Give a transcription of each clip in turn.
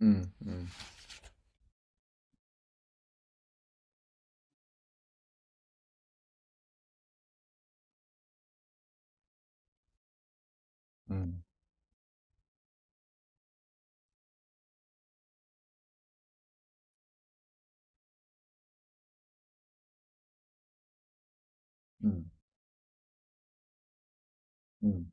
Ừm, ừm, ừm, ừm, ừm,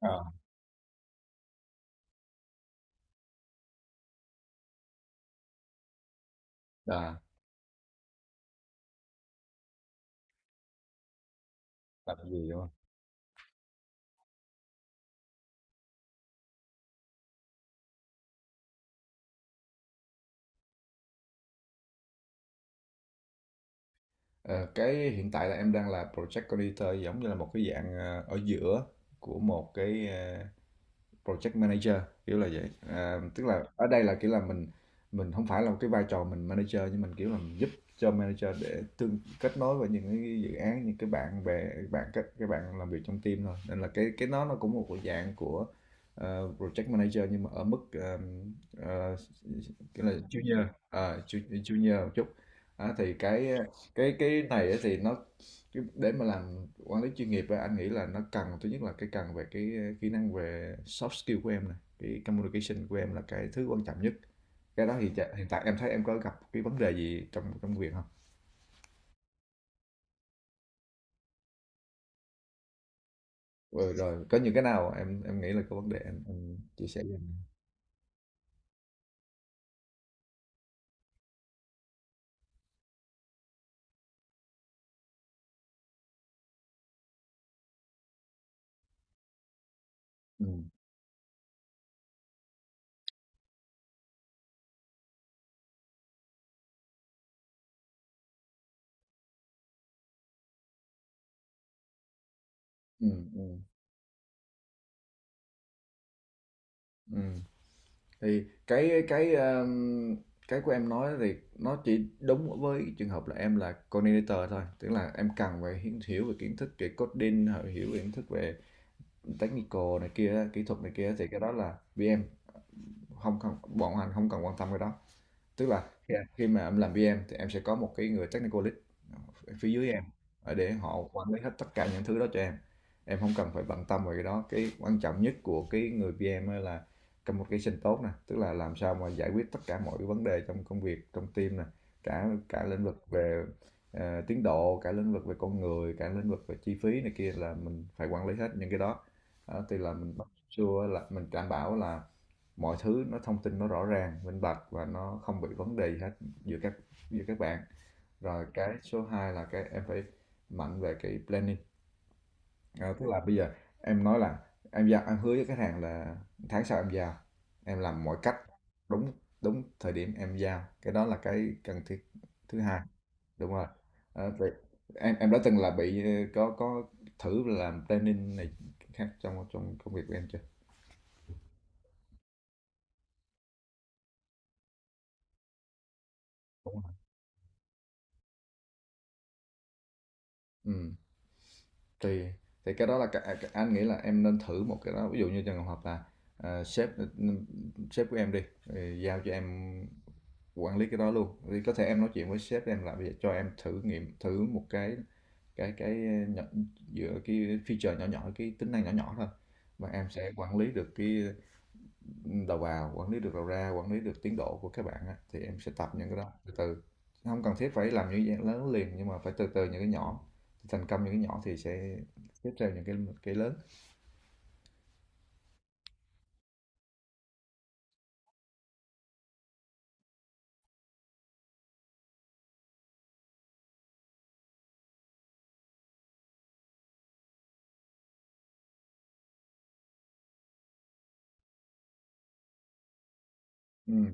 ờ, là là tại vì, đúng hông? Ờ, cái hiện tại là em đang là project coordinator giống như là một cái dạng, ở giữa của một cái, project manager kiểu là vậy à, tức là ở đây là kiểu là mình không phải là một cái vai trò mình manager nhưng mình kiểu là mình giúp cho manager để tương kết nối với những cái dự án những cái bạn bè bạn các bạn làm việc trong team thôi nên là cái nó cũng một dạng của project manager nhưng mà ở mức ờ, kiểu là junior, junior một chút. Đó, thì cái này á thì nó cái để mà làm quản lý chuyên nghiệp á, anh nghĩ là nó cần thứ nhất là cái cần về cái kỹ năng về soft skill của em này, cái communication của em là cái thứ quan trọng nhất. Cái đó thì hiện tại em thấy em có gặp cái vấn đề gì trong trong việc không? Rồi, rồi có những cái nào em nghĩ là có vấn đề em chia sẻ với anh. Ừ. Ừ. Ừ. Ừ. Thì cái của em nói thì nó chỉ đúng với trường hợp là em là coordinator thôi, tức là em cần phải hiểu về kiến thức về coding, hiểu hiểu về kiến thức về technical này kia kỹ thuật này kia thì cái đó là VM. Không không bọn anh không cần quan tâm cái đó, tức là khi mà em làm PM thì em sẽ có một cái người technical lead ở phía dưới em, ở để họ quản lý hết tất cả những thứ đó cho em. Em không cần phải bận tâm về cái đó. Cái quan trọng nhất của cái người PM á là communication tốt nè, tức là làm sao mà giải quyết tất cả mọi cái vấn đề trong công việc trong team nè, cả cả lĩnh vực về tiến độ, cả lĩnh vực về con người, cả lĩnh vực về chi phí này kia, là mình phải quản lý hết những cái đó. Đó, thì là mình bắt sure là mình đảm bảo là mọi thứ nó thông tin nó rõ ràng minh bạch và nó không bị vấn đề gì hết giữa các bạn rồi cái số 2 là cái em phải mạnh về cái planning. À, tức là bây giờ em nói là em giao, em hứa với khách hàng là tháng sau em giao, em làm mọi cách đúng đúng thời điểm em giao, cái đó là cái cần thiết thứ hai, đúng rồi. Ờ, vậy em đã từng là bị có thử làm planning này khác trong trong công việc của em chưa? Ừ. Tùy, thì cái đó là cả, cả, anh nghĩ là em nên thử một cái đó, ví dụ như trường hợp là sếp sếp của em đi giao cho em quản lý cái đó luôn thì có thể em nói chuyện với sếp em là bây giờ cho em thử nghiệm thử một cái nhỏ, giữa cái feature nhỏ nhỏ, cái tính năng nhỏ nhỏ thôi, và em sẽ quản lý được cái đầu vào, quản lý được đầu ra, quản lý được tiến độ của các bạn á, thì em sẽ tập những cái đó từ từ, không cần thiết phải làm những cái lớn liền nhưng mà phải từ từ những cái nhỏ, thành công những cái nhỏ thì sẽ tiếp theo những cái lớn. Ừ.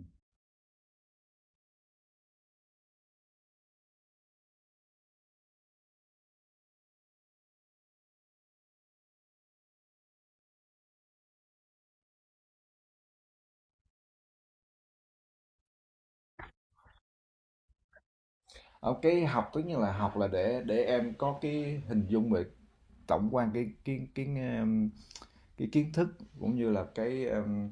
Ờ, cái học tất như là học là để em có cái hình dung về tổng quan um, cái kiến thức, cũng như là cái um,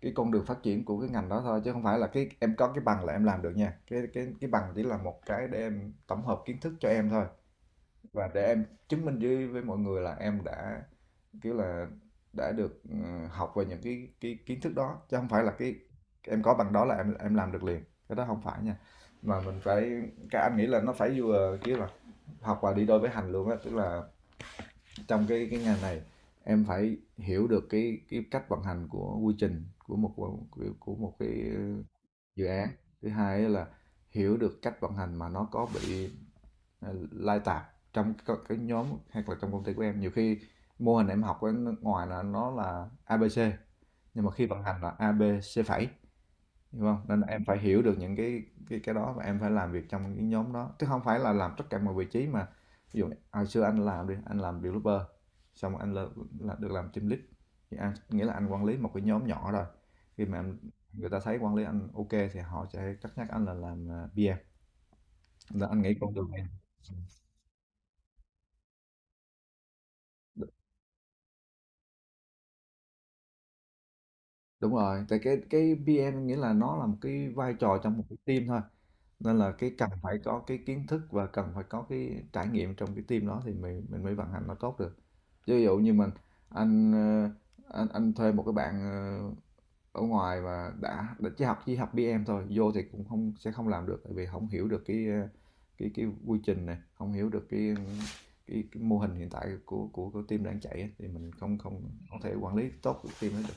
cái con đường phát triển của cái ngành đó thôi, chứ không phải là cái em có cái bằng là em làm được nha. Cái bằng chỉ là một cái để em tổng hợp kiến thức cho em thôi, và để em chứng minh với mọi người là em đã kiểu là đã được, học về những cái kiến thức đó, chứ không phải là cái em có bằng đó là em làm được liền, cái đó không phải nha. Mà mình phải, các anh nghĩ là nó phải vừa kiểu là học và đi đôi với hành luôn á, tức là trong cái ngành này em phải hiểu được cái cách vận hành của quy trình của một cái dự án. Thứ hai á là hiểu được cách vận hành mà nó có bị lai tạp trong cái nhóm, hoặc là trong công ty của em. Nhiều khi mô hình em học ở nước ngoài là nó là A ABC nhưng mà khi vận hành là A ABC phẩy, hiểu không, nên là em phải hiểu được những cái đó và em phải làm việc trong cái nhóm đó, chứ không phải là làm tất cả mọi vị trí. Mà ví dụ hồi xưa anh làm đi, anh làm developer, xong rồi được làm team lead thì anh nghĩa là anh quản lý một cái nhóm nhỏ rồi. khi mà em- Người ta thấy quản lý anh ok thì họ sẽ cất nhắc anh là làm PM, là anh nghĩ con đường này. Đúng rồi, tại cái PM nghĩa là nó là một cái vai trò trong một cái team thôi. Nên là cái cần phải có cái kiến thức và cần phải có cái trải nghiệm trong cái team đó thì mình mới vận hành nó tốt được. Chứ ví dụ như mình, anh ờ, anh thuê một cái bạn ở ngoài mà đã chỉ học PM thôi, vô thì cũng không sẽ không làm được, tại vì không hiểu được cái cái quy trình này, không hiểu được cái mô hình hiện tại của team đang chạy á, thì mình không không không thể quản lý tốt được team hết được.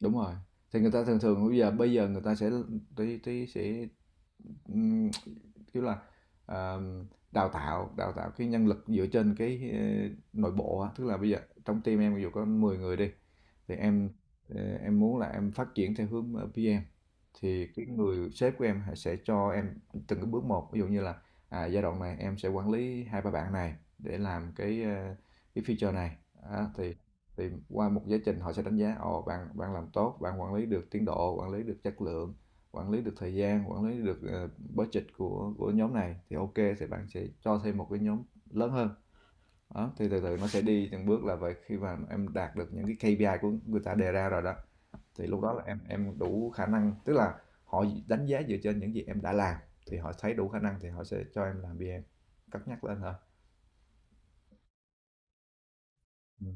Đúng rồi, thì người ta thường thường bây giờ người ta sẽ tí tí sẽ, ừm, kiểu là, ờ, đào tạo cái nhân lực dựa trên cái, nội bộ á, tức là bây giờ trong team em ví dụ có 10 người đi thì em muốn là em phát triển theo hướng, PM, thì cái người sếp của em sẽ cho em từng cái bước một. Ví dụ như là à, giai đoạn này em sẽ quản lý hai ba bạn này để làm cái feature này. Đó, thì qua một giáo trình họ sẽ đánh giá, ồ bạn bạn làm tốt, bạn quản lý được tiến độ, quản lý được chất lượng, quản lý được thời gian, quản lý được budget của nhóm này, thì ok thì bạn sẽ cho thêm một cái nhóm lớn hơn. Đó, thì từ từ nó sẽ đi từng bước là vậy. Khi mà em đạt được những cái KPI của người ta đề ra rồi đó, thì lúc đó là em đủ khả năng, tức là họ đánh giá dựa trên những gì em đã làm, thì họ thấy đủ khả năng thì họ sẽ cho em làm BM, cất nhắc lên hả. Ừ.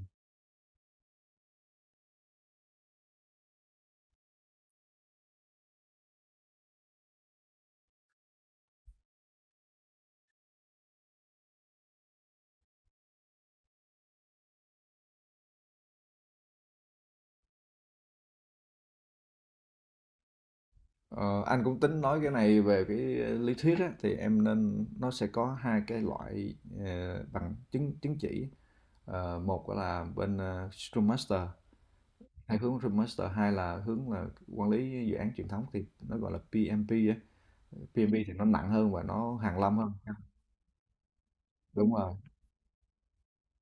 Ờ, anh cũng tính nói cái này về cái lý thuyết á, thì em nên, nó sẽ có hai cái loại bằng, chứng chứng chỉ. Ờ, một là bên Scrum Master, hai là hướng là quản lý dự án truyền thống thì nó gọi là PMP á. PMP thì nó nặng hơn và nó hàn lâm hơn. Đúng rồi,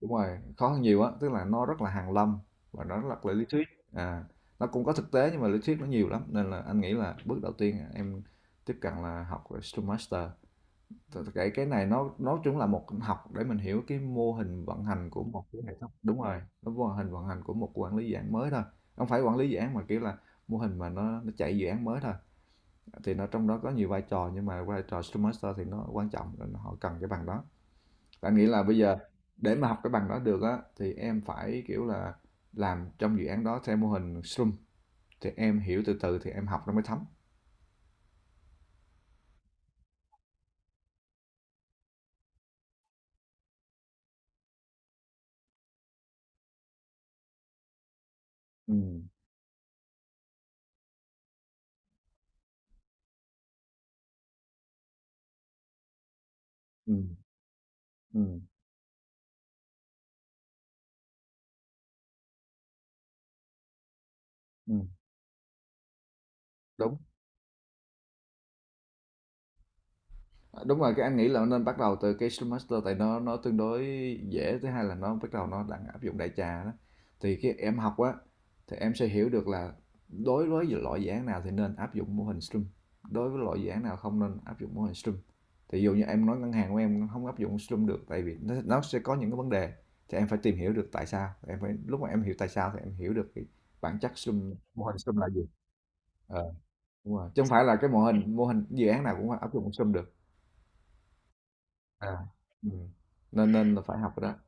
đúng rồi, khó hơn nhiều á, tức là nó rất là hàn lâm và nó rất là lý thuyết. À, nó cũng có thực tế nhưng mà lý thuyết nó nhiều lắm, nên là anh nghĩ là bước đầu tiên em tiếp cận là học về Scrum Master. Cái cái này nó cũng là một học để mình hiểu cái mô hình vận hành của một cái hệ thống, đúng rồi, nó mô hình vận hành của một quản lý dự án mới thôi. Không phải quản lý dự án mà kiểu là mô hình mà nó chạy dự án mới thôi. Thì nó trong đó có nhiều vai trò nhưng mà vai trò Scrum Master thì nó quan trọng nên họ cần cái bằng đó. Bạn nghĩ là bây giờ để mà học cái bằng đó được á thì em phải kiểu là làm trong dự án đó theo mô hình Scrum thì em hiểu từ từ thì em học nó mới thấm. Ừ, ừ, ừ, ừ. Đúng. Đúng rồi, cái anh nghĩ là nên bắt đầu từ cái Scrum Master tại nó tương đối dễ. Thứ hai là nó bắt đầu nó đang áp dụng đại trà đó, thì cái em học á thì em sẽ hiểu được là đối với loại dự án nào thì nên áp dụng mô hình Scrum, đối với loại dự án nào không nên áp dụng mô hình Scrum. Thì dụ như em nói ngân hàng của em không áp dụng Scrum được tại vì nó sẽ có những cái vấn đề, thì em phải tìm hiểu được tại sao. Em phải lúc mà em hiểu tại sao thì em hiểu được cái bản chất Scrum, mô hình Scrum là gì. ờ, Đúng rồi, chứ không phải là cái mô hình dự án nào cũng áp dụng Scrum được. À. Ừm, Nên nên là phải học rồi đó.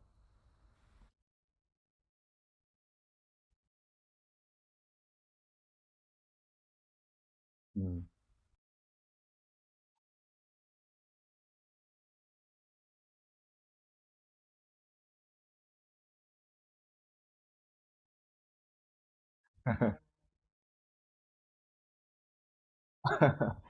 Ừm.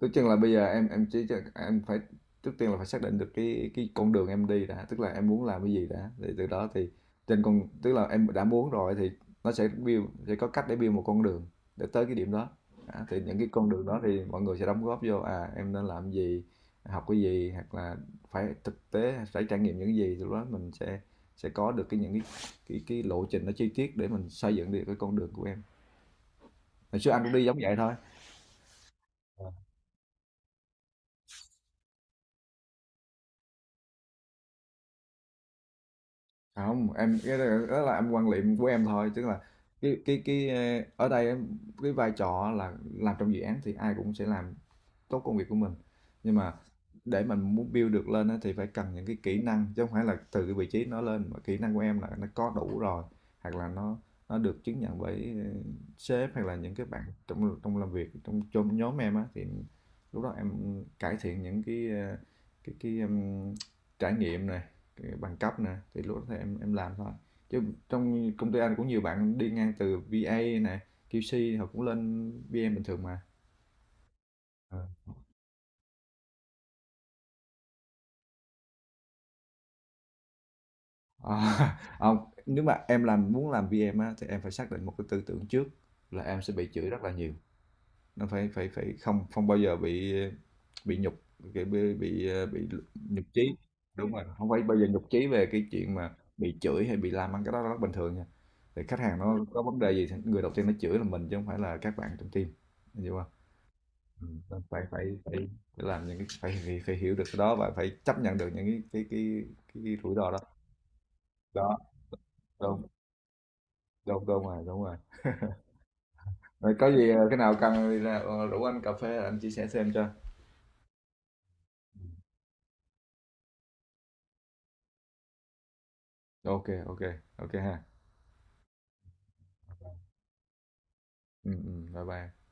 Tức chừng là bây giờ em chỉ em phải, trước tiên là phải xác định được cái con đường em đi đã, tức là em muốn làm cái gì đã, thì từ đó thì trên con, tức là em đã muốn rồi thì nó sẽ build, sẽ có cách để build một con đường để tới cái điểm đó. Đã, thì những cái con đường đó thì mọi người sẽ đóng góp vô à em nên làm gì, học cái gì, hoặc là phải thực tế, phải trải nghiệm những cái gì, thì lúc đó mình sẽ có được cái những cái lộ trình nó chi tiết để mình xây dựng được cái con đường của em. Hồi trước anh cũng đi giống vậy thôi. Không, em cái đó đó là em quan niệm của em thôi, tức là cái ở đây em- cái vai trò là làm trong dự án thì ai cũng sẽ làm tốt công việc của mình. Nhưng mà để mình muốn build được lên thì phải cần những cái kỹ năng, chứ không phải là từ cái vị trí nó lên mà kỹ năng của em là nó có đủ rồi, hoặc là nó được chứng nhận bởi sếp hoặc là những cái bạn trong trong làm việc trong trong nhóm em á, thì lúc đó em cải thiện những cái cái trải nghiệm này, cái bằng cấp nè, thì lúc đó thì em làm thôi, chứ trong công ty anh cũng nhiều bạn đi ngang từ VA này, QC họ cũng lên PM bình thường mà. Ờ. À, hông, nếu mà em làm muốn làm VM á, thì em phải xác định một cái tư tưởng trước là em sẽ bị chửi rất là nhiều, nó phải phải phải không không bao giờ bị, bị nhục, kiểu, bị nhục nhụt chí. Đúng rồi, không phải bao giờ nhục chí về cái chuyện mà bị chửi hay bị làm mắng, cái đó rất bình thường nha. Thì khách hàng nó có vấn đề gì thì người đầu tiên nó chửi là mình, chứ không phải là các bạn trong team, em hiểu hông? Nên phải phải phải phải làm những cái, phải phải phải hiểu được cái đó và phải chấp nhận được những cái rủi ro đó. Đó, đúng. Đúng rồi. Rồi có gì cái nào cần thì là rủ anh cà phê anh chia sẻ xem cho. Ok, ok. Ok ha. Ừ, ừ, bye bye.